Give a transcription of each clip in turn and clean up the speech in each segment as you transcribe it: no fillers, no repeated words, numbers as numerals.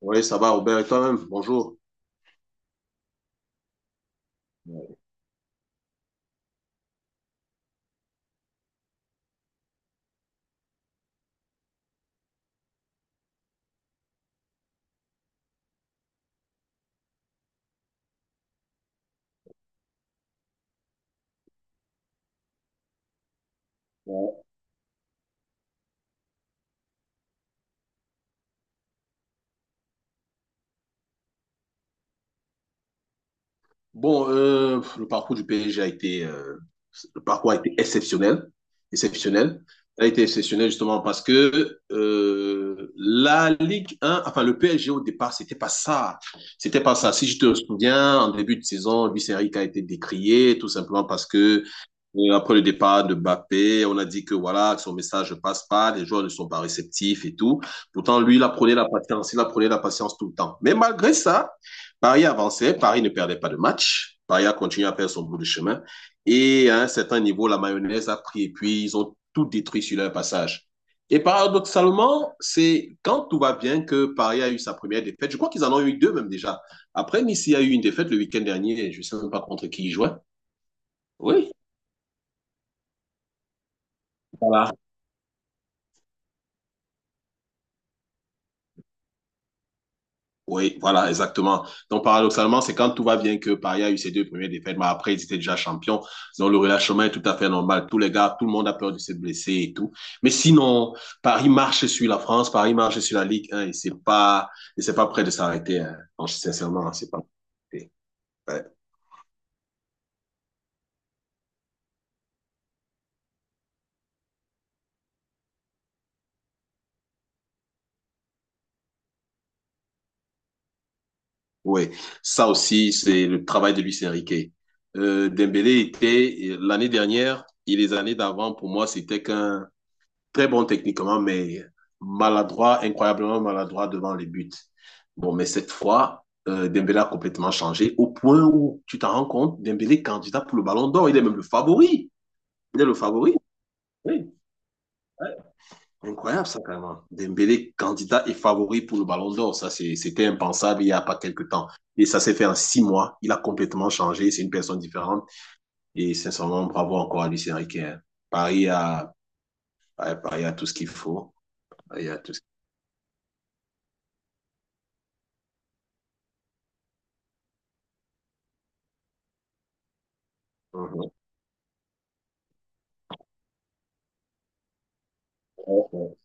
Oui, ça va, Robert, et toi-même, bonjour. Ouais. Ouais. Bon, le parcours du PSG a été, exceptionnel, exceptionnel. Il a été exceptionnel justement parce que la Ligue 1, enfin le PSG au départ, c'était pas ça, c'était pas ça. Si je te souviens, en début de saison, Luis Enrique a été décrié tout simplement parce que. Et après le départ de Mbappé, on a dit que voilà, que son message ne passe pas, les joueurs ne sont pas réceptifs et tout. Pourtant, lui, il apprenait la patience, il apprenait la patience tout le temps. Mais malgré ça, Paris avançait, Paris ne perdait pas de match. Paris a continué à faire son bout de chemin. Et à un certain niveau, la mayonnaise a pris et puis ils ont tout détruit sur leur passage. Et paradoxalement, c'est quand tout va bien que Paris a eu sa première défaite. Je crois qu'ils en ont eu deux même déjà. Après, Nice a eu une défaite le week-end dernier. Je ne sais même pas contre qui ils jouaient. Oui, oui, voilà, exactement. Donc, paradoxalement, c'est quand tout va bien que Paris a eu ses deux premières défaites, mais après, ils étaient déjà champions. Donc, le relâchement est tout à fait normal. Tous les gars, tout le monde a peur de se blesser et tout. Mais sinon, Paris marche sur la France, Paris marche sur la Ligue 1 et c'est pas prêt de s'arrêter. Hein. Donc, sincèrement, c'est pas prêt. Ouais. Oui, ça aussi, c'est le travail de Luis Enrique. Dembélé était, l'année dernière et les années d'avant, pour moi, c'était qu'un très bon techniquement, mais maladroit, incroyablement maladroit devant les buts. Bon, mais cette fois, Dembélé a complètement changé au point où tu t'en rends compte, Dembélé candidat pour le Ballon d'Or, il est même le favori. Il est le favori. Oui, ouais. Incroyable ça quand même. Dembélé candidat et favori pour le Ballon d'Or, c'était impensable il n'y a pas quelque temps. Et ça s'est fait en 6 mois. Il a complètement changé. C'est une personne différente. Et sincèrement, bravo encore à Lucien Riquet. Paris a, Paris a tout ce qu'il faut. Il y a tout ce qu'il faut. Ouais, ouais, ouais.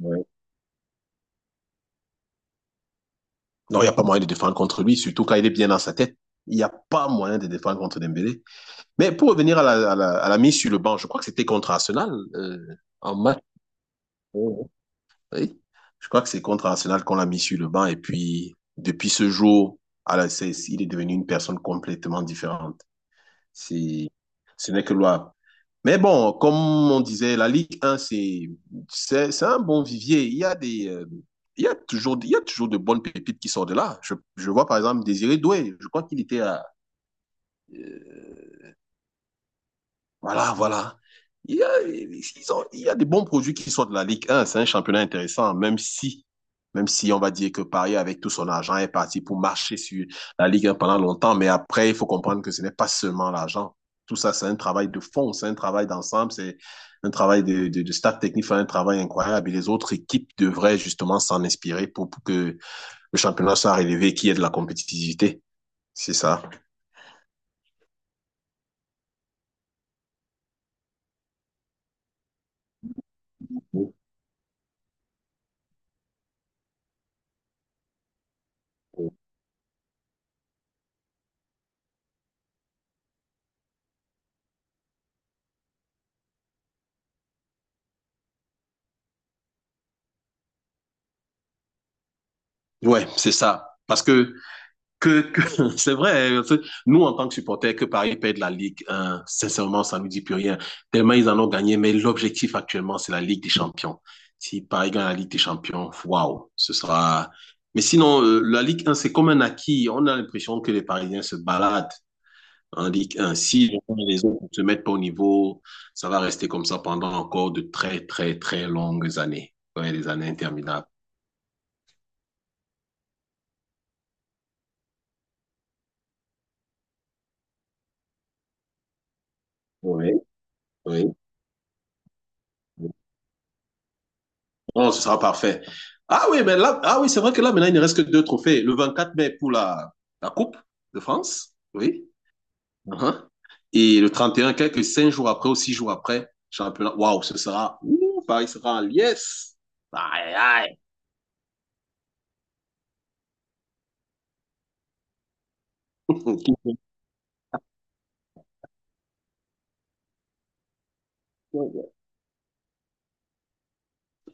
Ouais. Non, il n'y a pas moyen de défendre contre lui, surtout quand il est bien dans sa tête. Il n'y a pas moyen de défendre contre Dembélé. Mais pour revenir à la mise sur le banc, je crois que c'était contre Arsenal en match. Euh, Oui. Je crois que c'est contre Arsenal qu'on l'a mis sur le banc. Et puis, depuis ce jour, il est devenu une personne complètement différente. C'est, Ce n'est que loi. Mais bon, comme on disait, la Ligue 1, c'est un bon vivier. Il y a des, il y a toujours, il y a toujours de bonnes pépites qui sortent de là. Je vois par exemple Désiré Doué. Je crois qu'il était à, euh, voilà, voilà. Il y a, ils il y a des bons produits qui sortent de la Ligue 1. C'est un championnat intéressant, même si on va dire que Paris, avec tout son argent, est parti pour marcher sur la Ligue 1 pendant longtemps. Mais après, il faut comprendre que ce n'est pas seulement l'argent. Tout ça, c'est un travail de fond, c'est un travail d'ensemble, c'est un travail de staff technique, c'est un travail incroyable. Et les autres équipes devraient justement s'en inspirer pour que le championnat soit relevé, qu'il y ait de la compétitivité. C'est ça. Ouais, c'est ça. Parce que c'est vrai, hein, nous en tant que supporters, que Paris perd la Ligue 1, sincèrement, ça ne nous dit plus rien, tellement ils en ont gagné, mais l'objectif actuellement, c'est la Ligue des Champions. Si Paris gagne la Ligue des Champions, waouh, ce sera. Mais sinon, la Ligue 1, c'est comme un acquis, on a l'impression que les Parisiens se baladent en Ligue 1. Si les autres ne se mettent pas au niveau, ça va rester comme ça pendant encore de très, très, très longues années, ouais, des années interminables. Oui, oui. Oh, ce sera parfait. Ah oui, mais là, ah oui, c'est vrai que là, maintenant, il ne reste que deux trophées. Le 24 mai pour la Coupe de France, oui. Uhum. Et le 31 quelques 5 jours après ou 6 jours après, championnat. Waouh, ce sera. Ouh, Paris sera en liesse. Aïe, aïe.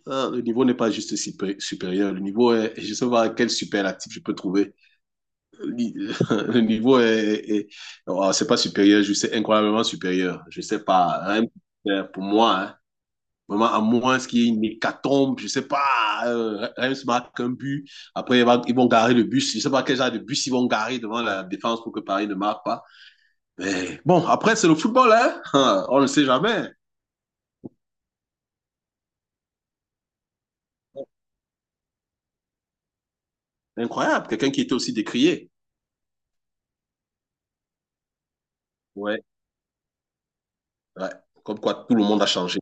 Ah, le niveau n'est pas juste supérieur. Le niveau est. Je ne sais pas quel superlatif je peux trouver. Le niveau est. Oh, c'est pas supérieur, je sais, incroyablement supérieur. Je ne sais pas, hein, pour moi, hein. Vraiment, à moins qu'il y ait une hécatombe, je ne sais pas, Reims marque un but, après ils vont garer le bus, je ne sais pas quel genre de bus ils vont garer devant la défense pour que Paris ne marque pas. Mais bon, après c'est le football, hein, on ne sait jamais. Incroyable, quelqu'un qui était aussi décrié. Ouais, ouais, comme quoi tout le monde a changé.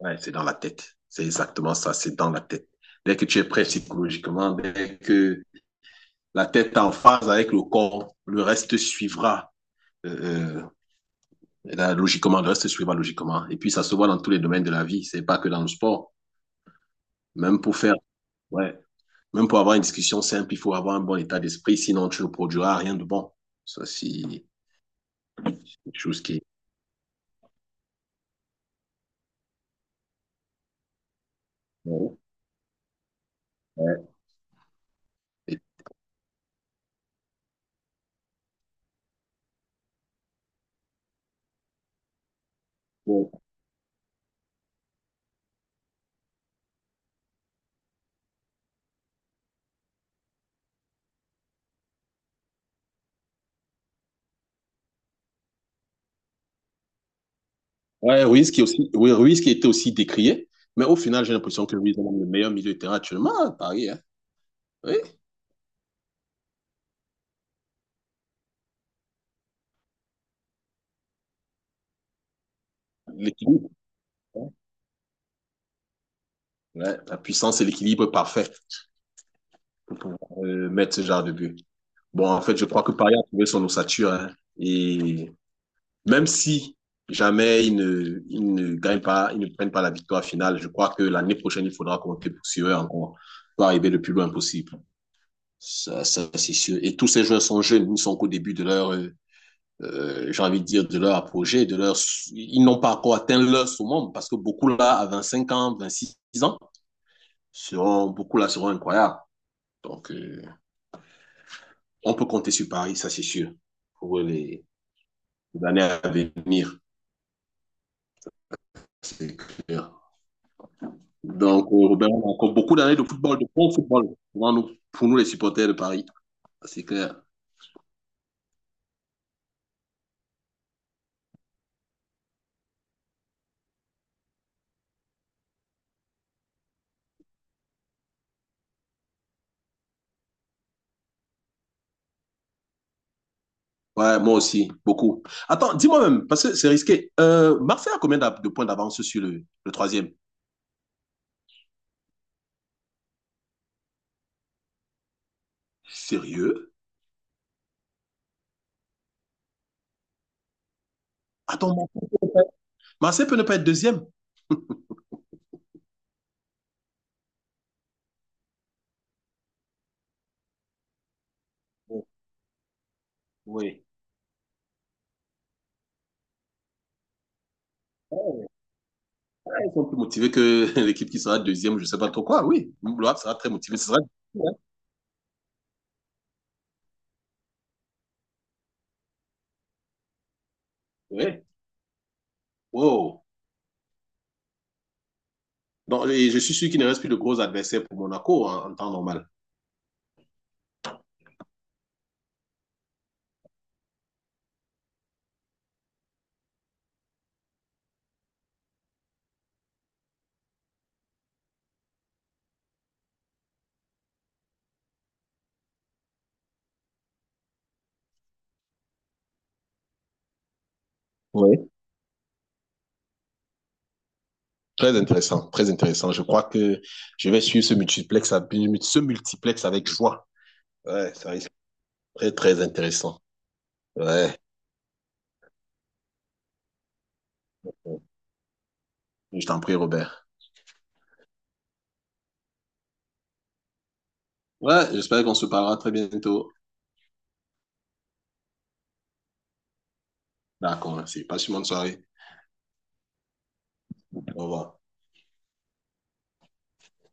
Ouais, c'est dans la tête, c'est exactement ça, c'est dans la tête. Dès que tu es prêt psychologiquement, dès que la tête est en phase avec le corps, le reste suivra. Euh, euh, Et là, logiquement, le reste suivra logiquement. Et puis, ça se voit dans tous les domaines de la vie. C'est pas que dans le sport. Même pour faire, ouais, même pour avoir une discussion simple, il faut avoir un bon état d'esprit. Sinon, tu ne produiras rien de bon. Ça, c'est quelque chose qui est. Ouais. Et- ouais, Ruiz qui est aussi, oui, Ruiz qui était aussi décrié. Mais au final, j'ai l'impression que Ruiz est le meilleur milieu de terrain actuellement à Paris, hein. Oui, l'équilibre. Hein. Ouais, la puissance et l'équilibre parfait pour pouvoir mettre ce genre de but. Bon, en fait, je crois que Paris a trouvé son ossature, hein, et même si jamais ils ne gagnent pas, ils ne prennent pas la victoire finale, je crois que l'année prochaine, il faudra compter sur eux encore, pour arriver le plus loin possible. Ça c'est sûr. Et tous ces joueurs sont jeunes, ils ne sont qu'au début de leur, j'ai envie de dire, de leur projet, de leur, ils n'ont pas encore atteint leur sommet parce que beaucoup là, à 25 ans, 26 ans, seront, beaucoup là seront incroyables. Donc, on peut compter sur Paris, ça c'est sûr, pour les années à venir, c'est clair. Donc, ben, on a encore beaucoup d'années de football, de bon football pour nous, les supporters de Paris. C'est clair. Ouais, moi aussi, beaucoup. Attends, dis-moi même, parce que c'est risqué. Marseille a combien de points d'avance sur le troisième? Sérieux? Attends, Marseille peut ne pas être deuxième? Oh, oui. Oh, ouais, ils sont plus motivés que l'équipe qui sera deuxième, je ne sais pas trop quoi. Oui, Loire sera très motivé. Ce sera difficile, hein. Oui. Wow. Donc, et je suis sûr qu'il ne reste plus de gros adversaires pour Monaco en temps normal. Très intéressant, très intéressant. Je crois que je vais suivre ce multiplex avec joie. Ouais, ça risque d'être très, très intéressant. Ouais, je t'en prie, Robert. Ouais, j'espère qu'on se parlera très bientôt. D'accord, merci. Passe une bonne soirée. Au revoir.